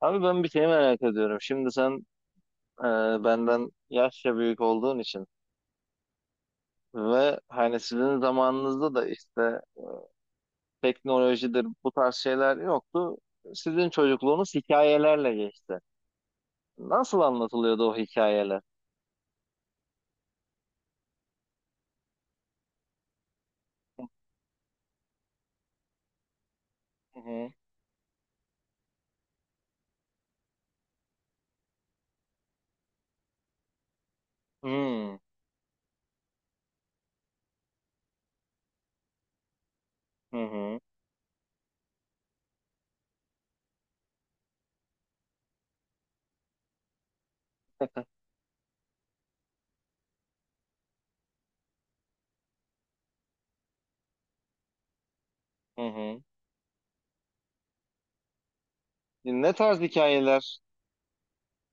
Abi ben bir şey merak ediyorum. Şimdi sen e, benden yaşça büyük olduğun için ve hani sizin zamanınızda da işte teknolojidir bu tarz şeyler yoktu. Sizin çocukluğunuz hikayelerle geçti. Nasıl anlatılıyordu o hikayeler? Hı hı. Hmm. Hı hı. Hı hı. Ne tarz hikayeler?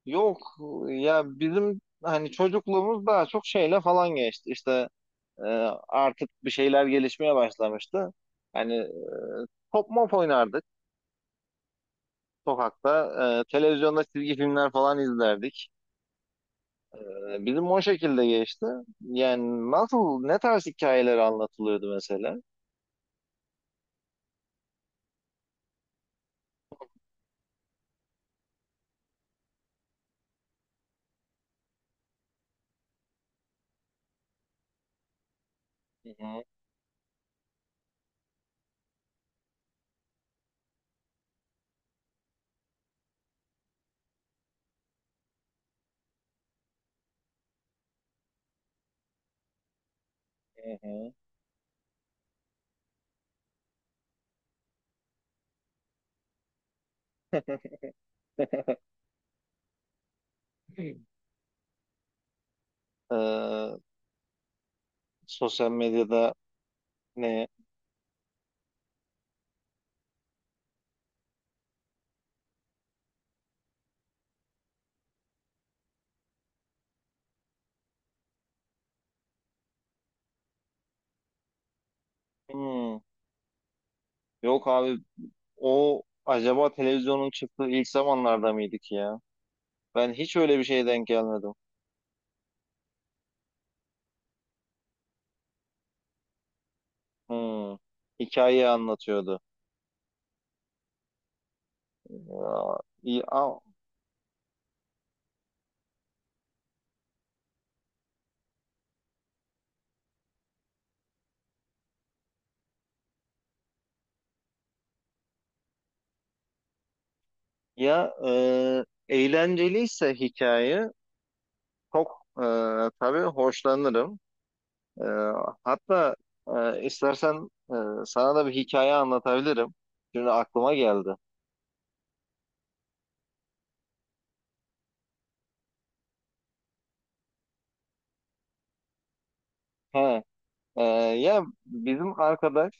Yok ya, bizim hani çocukluğumuz daha çok şeyle falan geçti. İşte E, artık bir şeyler gelişmeye başlamıştı. Hani top mop oynardık sokakta. Televizyonda çizgi filmler falan izlerdik. Bizim o şekilde geçti. Yani nasıl, ne tarz hikayeler anlatılıyordu mesela? Hı hı, hı hı. Ee, sosyal medyada ne? Hmm, yok abi, o acaba televizyonun çıktığı ilk zamanlarda mıydık ya? Ben hiç öyle bir şeye denk gelmedim. Hmm, hikayeyi anlatıyordu. Ya, iyi, ya eğlenceliyse hikaye çok, e, tabii hoşlanırım. E, Hatta istersen sana da bir hikaye anlatabilirim. Şimdi aklıma geldi. He, e, ya bizim arkadaş,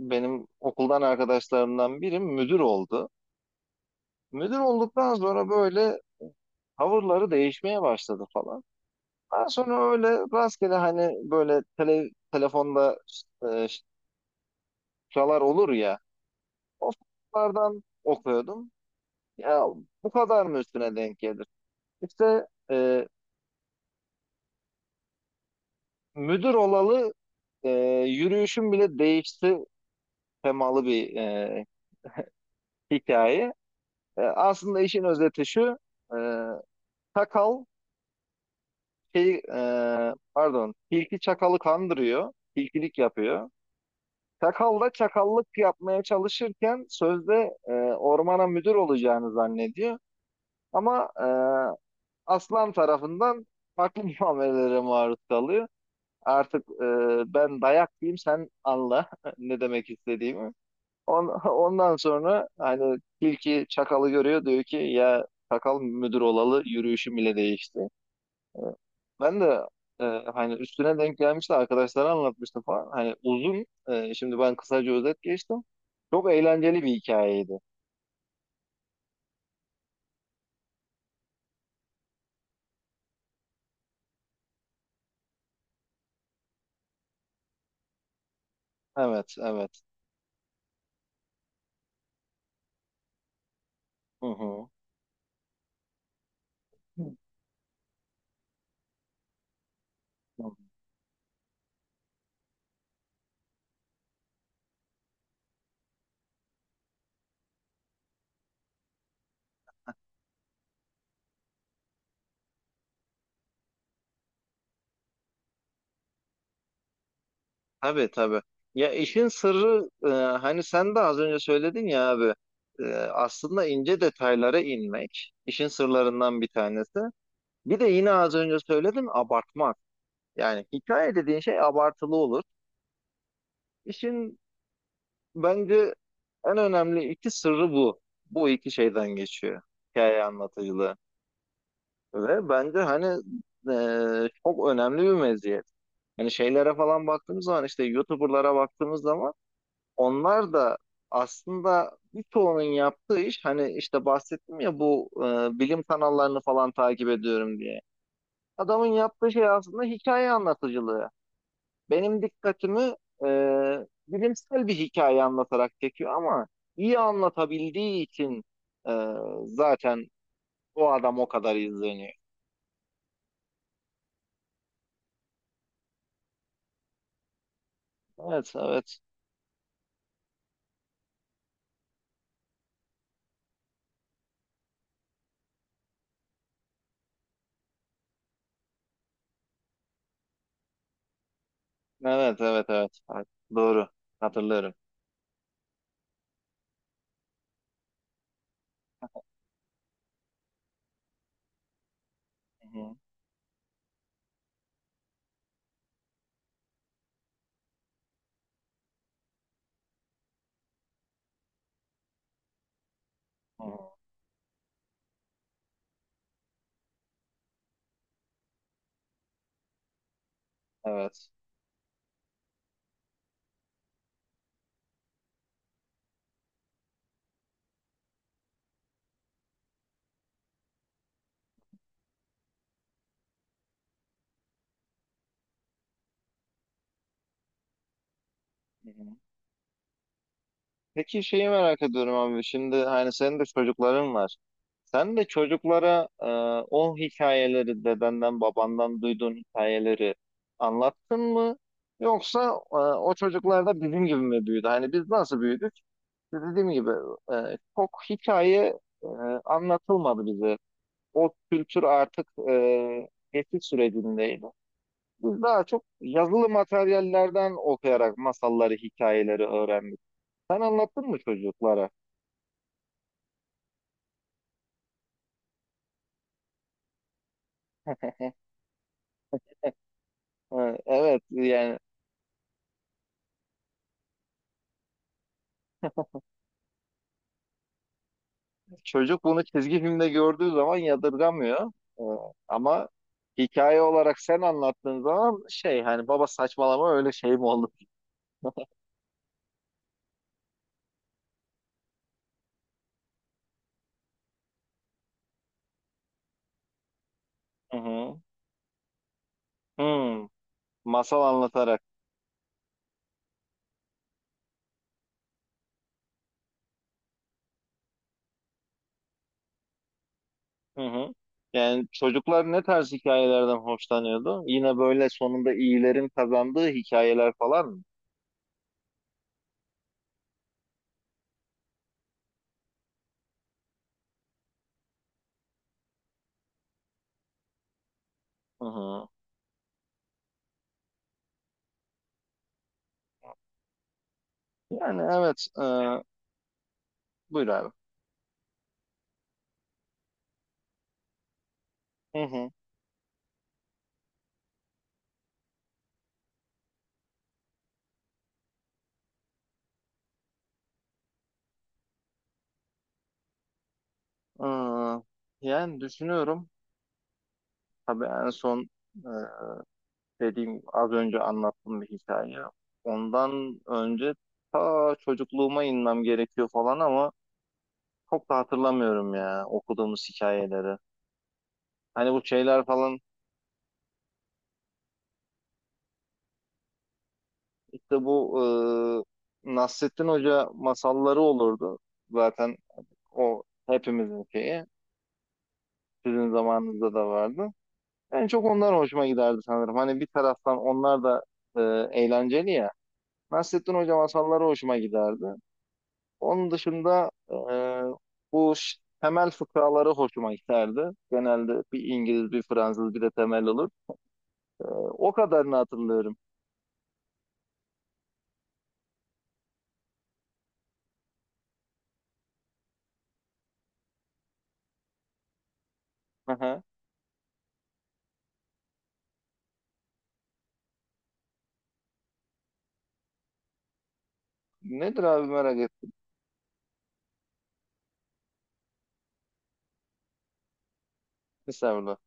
benim okuldan arkadaşlarımdan biri müdür oldu. Müdür olduktan sonra böyle tavırları değişmeye başladı falan. Daha sonra öyle rastgele hani böyle tele, telefonda e, şalar olur ya. O kitaplardan okuyordum. Ya bu kadar mı üstüne denk gelir? İşte müdür olalı e, yürüyüşüm bile değişti temalı bir hikaye. Aslında işin özeti şu. E, Çakal şey, e, pardon, tilki çakalı kandırıyor. Tilkilik yapıyor. Çakal da çakallık yapmaya çalışırken sözde ormana müdür olacağını zannediyor. Ama e, aslan tarafından farklı muamelelere maruz kalıyor. Artık ben dayak diyeyim sen anla ne demek istediğimi. Ondan sonra hani tilki çakalı görüyor, diyor ki ya çakal müdür olalı yürüyüşüm bile değişti. Ben de e, hani üstüne denk gelmişti, arkadaşlara anlatmıştım falan. Hani uzun, şimdi ben kısaca özet geçtim. Çok eğlenceli bir hikayeydi. Evet, evet. Hı hı. Hı. Tabii, tabii. Ya işin sırrı, hani sen de az önce söyledin ya abi, aslında ince detaylara inmek işin sırlarından bir tanesi. Bir de yine az önce söyledim, abartmak. Yani hikaye dediğin şey abartılı olur. İşin bence en önemli iki sırrı bu. Bu iki şeyden geçiyor hikaye anlatıcılığı. Ve bence hani çok önemli bir meziyet. Hani şeylere falan baktığımız zaman, işte YouTuber'lara baktığımız zaman, onlar da aslında birçoğunun yaptığı iş hani, işte bahsettim ya bu bilim kanallarını falan takip ediyorum diye. Adamın yaptığı şey aslında hikaye anlatıcılığı. Benim dikkatimi e, bilimsel bir hikaye anlatarak çekiyor, ama iyi anlatabildiği için e, zaten o adam o kadar izleniyor. Evet, evet. Evet, evet, evet. Evet. Doğru. Hatırlıyorum. Hı hı, hı hı. Evet. Hı hı. Peki şeyi merak ediyorum abi. Şimdi hani senin de çocukların var. Sen de çocuklara o hikayeleri, dedenden babandan duyduğun hikayeleri anlattın mı? Yoksa o çocuklar da bizim gibi mi büyüdü? Hani biz nasıl büyüdük? Dediğim gibi, çok hikaye anlatılmadı bize. O kültür artık geçiş sürecindeydi. Biz daha çok yazılı materyallerden okuyarak masalları, hikayeleri öğrendik. Sen anlattın mı çocuklara? Ha, evet, yani çocuk bunu çizgi filmde gördüğü zaman yadırgamıyor. Ee, Ama hikaye olarak sen anlattığın zaman, şey, hani baba saçmalama, öyle şey mi olur? Hı hı. Hmm, masal anlatarak. Hı hı. Yani çocuklar ne tarz hikayelerden hoşlanıyordu? Yine böyle sonunda iyilerin kazandığı hikayeler falan mı? Hı hı. Yani evet. Buyur abi. Hı hı. Yani düşünüyorum. Tabii en son, e, dediğim, az önce anlattığım bir hikaye. Ondan önce ta çocukluğuma inmem gerekiyor falan, ama çok da hatırlamıyorum ya okuduğumuz hikayeleri. Hani bu şeyler falan, işte bu Nasrettin Hoca masalları olurdu. Zaten o hepimizin şeyi. Sizin zamanınızda da vardı. En çok onlar hoşuma giderdi sanırım. Hani bir taraftan onlar da e, eğlenceli ya. Nasrettin Hoca masalları hoşuma giderdi. Onun dışında bu temel fıkraları hoşuma giderdi. Genelde bir İngiliz, bir Fransız, bir de temel olur. O kadarını hatırlıyorum. Hı hı. Nedir abi, merak ettim. Mesela.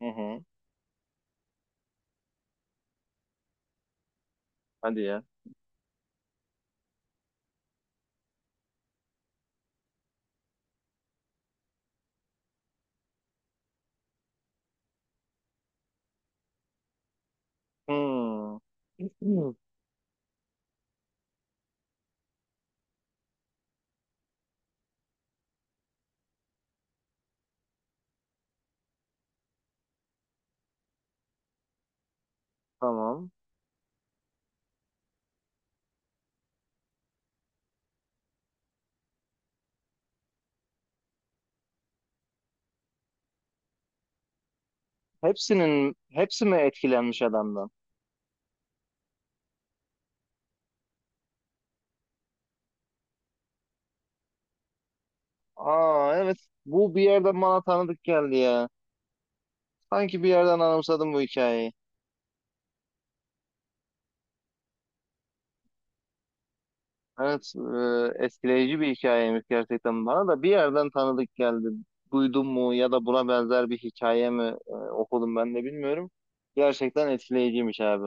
Hı hı. Hadi ya. Hmm. Hmm. Tamam. Hepsinin hepsi mi etkilenmiş adamdan? Aa, evet. Bu bir yerden bana tanıdık geldi ya. Sanki bir yerden anımsadım bu hikayeyi. Evet, etkileyici bir hikayeymiş gerçekten, bana da bir yerden tanıdık geldi. Duydum mu ya da buna benzer bir hikaye mi okudum ben de bilmiyorum. Gerçekten etkileyiciymiş abi.